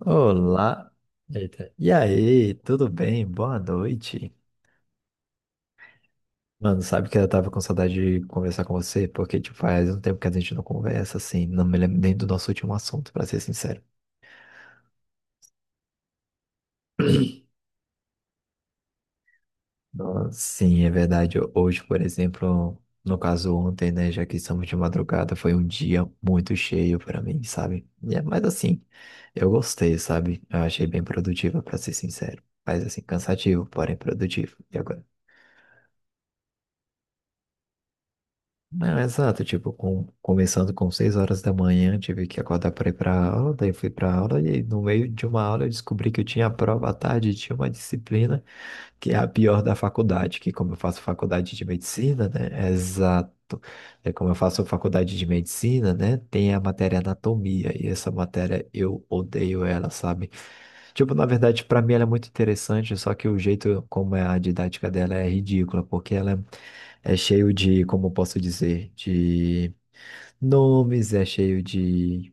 Olá. Eita. E aí, tudo bem? Boa noite. Mano, sabe que eu tava com saudade de conversar com você, porque tipo, faz um tempo que a gente não conversa, assim, não me lembro nem do nosso último assunto, pra ser sincero. Nossa, sim, é verdade. Hoje, por exemplo, no caso ontem, né, já que estamos de madrugada, foi um dia muito cheio para mim, sabe? Mas assim, eu gostei, sabe? Eu achei bem produtiva, para ser sincero. Mas assim, cansativo, porém produtivo. E agora? Não, exato, tipo, começando com 6 horas da manhã, tive que acordar para ir para aula, daí fui para aula e no meio de uma aula eu descobri que eu tinha prova à tarde, e tinha uma disciplina que é a pior da faculdade, que como eu faço faculdade de medicina, né? Exato. É como eu faço faculdade de medicina, né? Tem a matéria anatomia e essa matéria eu odeio ela, sabe? Tipo, na verdade, para mim ela é muito interessante, só que o jeito como é a didática dela é ridícula, porque ela é cheio de, como posso dizer, de nomes, é cheio de.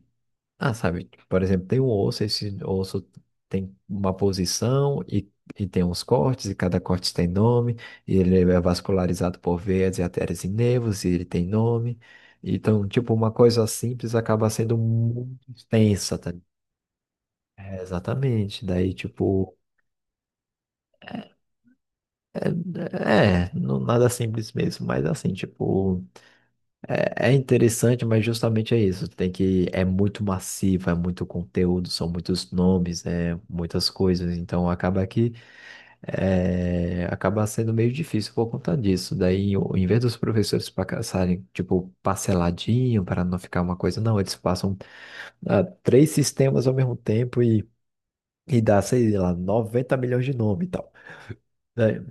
Ah, sabe, por exemplo, tem um osso, esse osso tem uma posição e tem uns cortes, e cada corte tem nome, e ele é vascularizado por veias e artérias e nervos, e ele tem nome. Então, tipo, uma coisa simples acaba sendo muito extensa, tá? É, exatamente. Daí, tipo, não, nada simples mesmo, mas assim, tipo. É interessante, mas justamente é isso. Tem que é muito massivo, é muito conteúdo, são muitos nomes, é muitas coisas. Então acaba que acaba sendo meio difícil por conta disso. Daí, em vez dos professores passarem tipo parceladinho para não ficar uma coisa, não, eles passam três sistemas ao mesmo tempo e dá, sei lá, 90 milhões de nome e tal, né?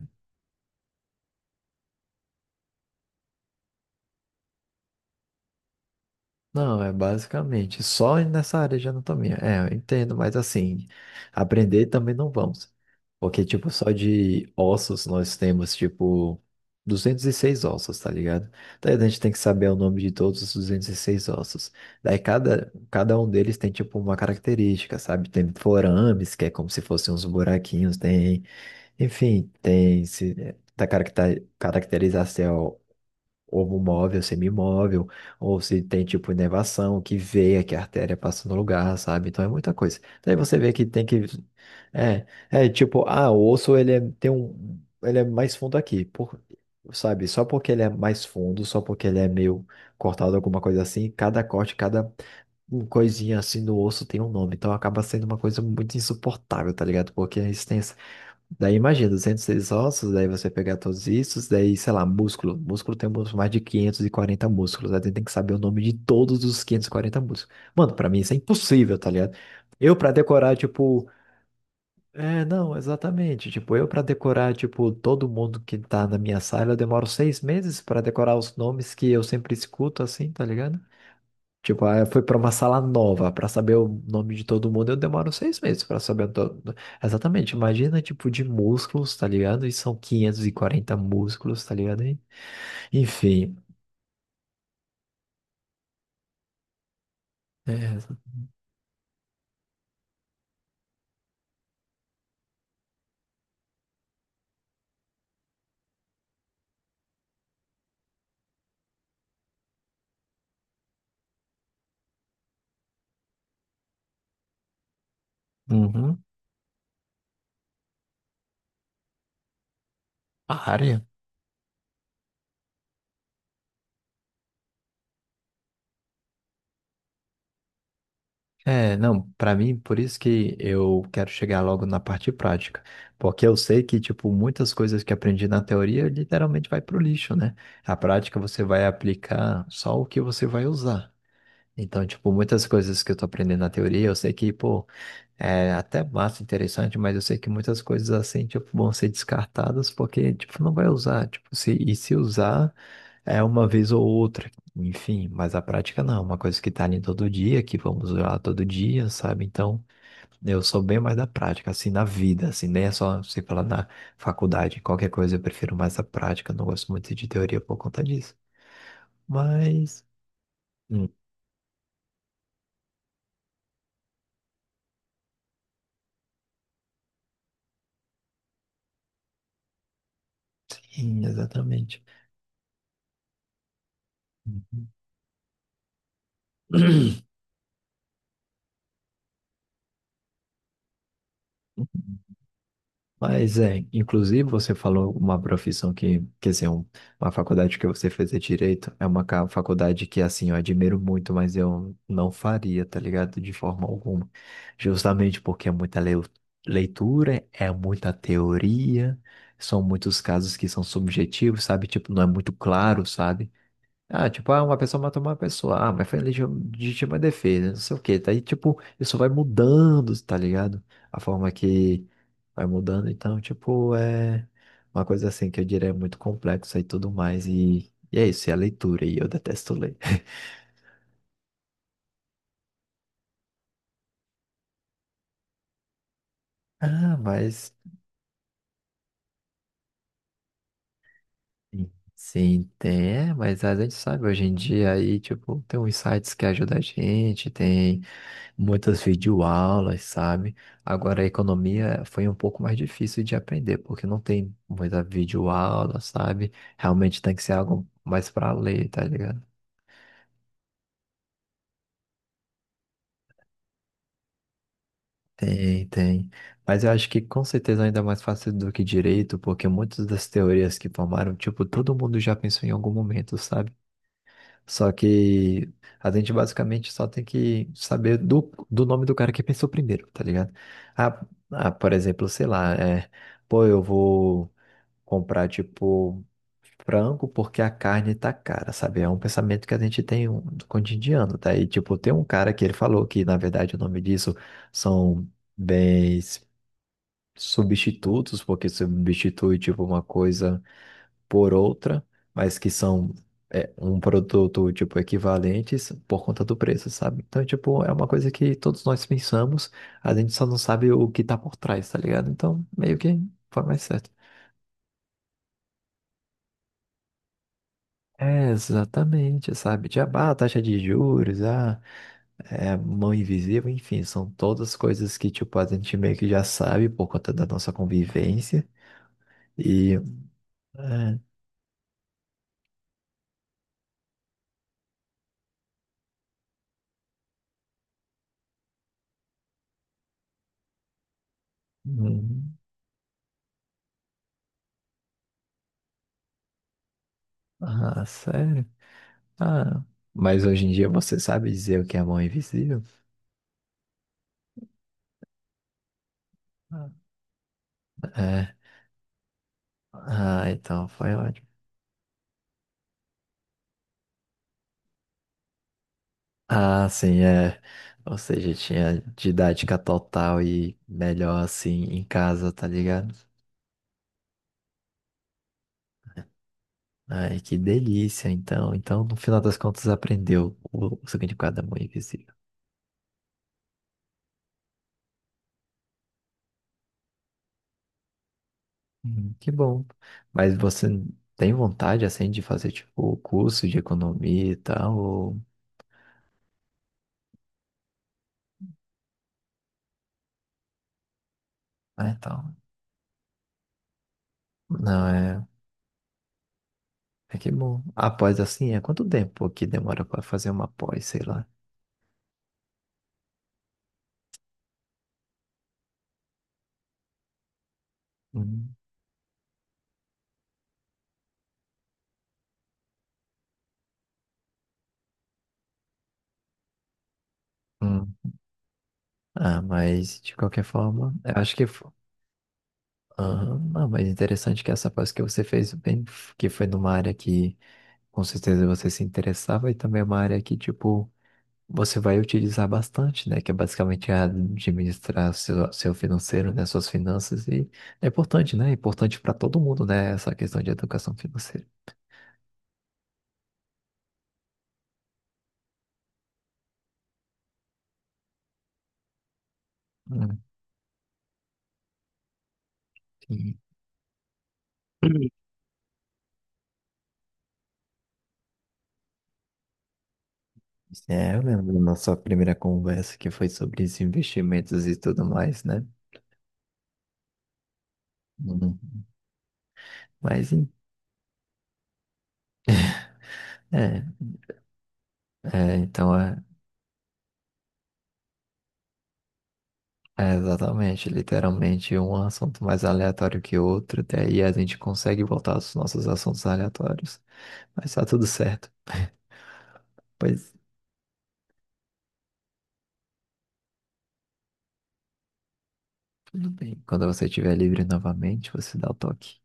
Não, é basicamente só nessa área de anatomia. É, eu entendo, mas assim, aprender também não vamos. Porque, tipo, só de ossos nós temos, tipo, 206 ossos, tá ligado? Daí a gente tem que saber o nome de todos os 206 ossos. Daí cada um deles tem, tipo, uma característica, sabe? Tem forames, que é como se fossem uns buraquinhos, tem, enfim, tem se, da caracterização ou móvel, semimóvel, ou se tem tipo inervação, que veia, que a artéria passa no lugar, sabe? Então é muita coisa. Daí você vê que tem que. É tipo, o osso ele é, tem um. Ele é mais fundo aqui, por, sabe? Só porque ele é mais fundo, só porque ele é meio cortado, alguma coisa assim, cada corte, cada coisinha assim no osso tem um nome. Então acaba sendo uma coisa muito insuportável, tá ligado? Porque a resistência. Daí imagina, 206 ossos, daí você pegar todos isso, daí, sei lá, músculo. Músculo tem mais de 540 músculos, aí tem que saber o nome de todos os 540 músculos. Mano, pra mim isso é impossível, tá ligado? Eu pra decorar, tipo, é, não, exatamente. Tipo, eu pra decorar, tipo, todo mundo que tá na minha sala, eu demoro 6 meses pra decorar os nomes que eu sempre escuto, assim, tá ligado? Tipo, ah, eu fui pra uma sala nova pra saber o nome de todo mundo. Eu demoro 6 meses pra saber todo. Exatamente. Imagina, tipo, de músculos, tá ligado? E são 540 músculos, tá ligado? Enfim. É, uhum. A área? É, não, pra mim, por isso que eu quero chegar logo na parte prática. Porque eu sei que, tipo, muitas coisas que aprendi na teoria literalmente vai pro lixo, né? A prática você vai aplicar só o que você vai usar. Então, tipo, muitas coisas que eu tô aprendendo na teoria, eu sei que, pô. É até massa, interessante, mas eu sei que muitas coisas assim, tipo, vão ser descartadas porque, tipo, não vai usar, tipo, se, e se usar é uma vez ou outra, enfim, mas a prática não, é uma coisa que tá ali todo dia, que vamos usar todo dia, sabe? Então, eu sou bem mais da prática, assim, na vida, assim, nem é só, sei lá, na faculdade, qualquer coisa eu prefiro mais a prática, não gosto muito de teoria por conta disso, mas, enfim, exatamente. Uhum. Mas é, inclusive você falou uma profissão que, quer dizer, uma faculdade que você fez é direito, é uma faculdade que, assim, eu admiro muito, mas eu não faria, tá ligado? De forma alguma. Justamente porque é muita leitura, é muita teoria, são muitos casos que são subjetivos, sabe? Tipo, não é muito claro, sabe? Ah, tipo, ah, uma pessoa matou uma pessoa. Ah, mas foi legítima defesa, não sei o quê. Daí, tipo, isso vai mudando, tá ligado? A forma que vai mudando. Então, tipo, é uma coisa assim que eu diria é muito complexa e tudo mais. E é isso, é a leitura. E eu detesto ler. Ah, mas. Sim, sim, tem. É, mas a gente sabe hoje em dia aí, tipo, tem uns sites que ajudam a gente, tem muitas videoaulas, sabe? Agora, a economia foi um pouco mais difícil de aprender, porque não tem muita videoaula, sabe? Realmente tem que ser algo mais para ler, tá ligado? Tem, tem. Mas eu acho que com certeza ainda é mais fácil do que direito, porque muitas das teorias que formaram, tipo, todo mundo já pensou em algum momento, sabe? Só que a gente basicamente só tem que saber do nome do cara que pensou primeiro, tá ligado? Ah, ah, por exemplo, sei lá, é, pô, eu vou comprar, tipo, frango porque a carne tá cara, sabe? É um pensamento que a gente tem um, do cotidiano, tá? E, tipo, tem um cara que ele falou que, na verdade, o nome disso são bens substitutos, porque substitui, tipo, uma coisa por outra, mas que são um produto, tipo, equivalentes por conta do preço, sabe? Então, tipo, é uma coisa que todos nós pensamos, a gente só não sabe o que tá por trás, tá ligado? Então, meio que foi mais certo. É, exatamente, sabe? Tipo, taxa de juros, mão invisível, enfim, são todas coisas que, tipo, a gente meio que já sabe por conta da nossa convivência. E, é, hum, sério? Ah, mas hoje em dia você sabe dizer o que é mão invisível? Ah. É, então foi ótimo. Ah, sim, é. Ou seja, tinha didática total e melhor assim em casa, tá ligado? Ai, que delícia, então. Então, no final das contas, aprendeu o significado da mão invisível. Que bom. Mas você tem vontade, assim, de fazer, tipo, o curso de economia e tal? Ou. Ah, então. Não, é. É que bom. A pós, assim, é quanto tempo que demora para fazer uma pós, sei lá? Hum, hum. Ah, mas, de qualquer forma, eu acho que Aham. Não, mas interessante que essa pós que você fez, bem, que foi numa área que. Com certeza você se interessava e também é uma área que, tipo, você vai utilizar bastante, né? Que é basicamente administrar seu financeiro, né? Suas finanças. E é importante, né? É importante para todo mundo, né? Essa questão de educação financeira. Hum, sim. É, eu lembro da nossa primeira conversa que foi sobre os investimentos e tudo mais, né? Uhum. Mas, é, então exatamente, literalmente um assunto mais aleatório que outro, daí a gente consegue voltar aos nossos assuntos aleatórios, mas tá tudo certo. Pois. Tudo bem. Quando você estiver livre novamente, você dá o toque.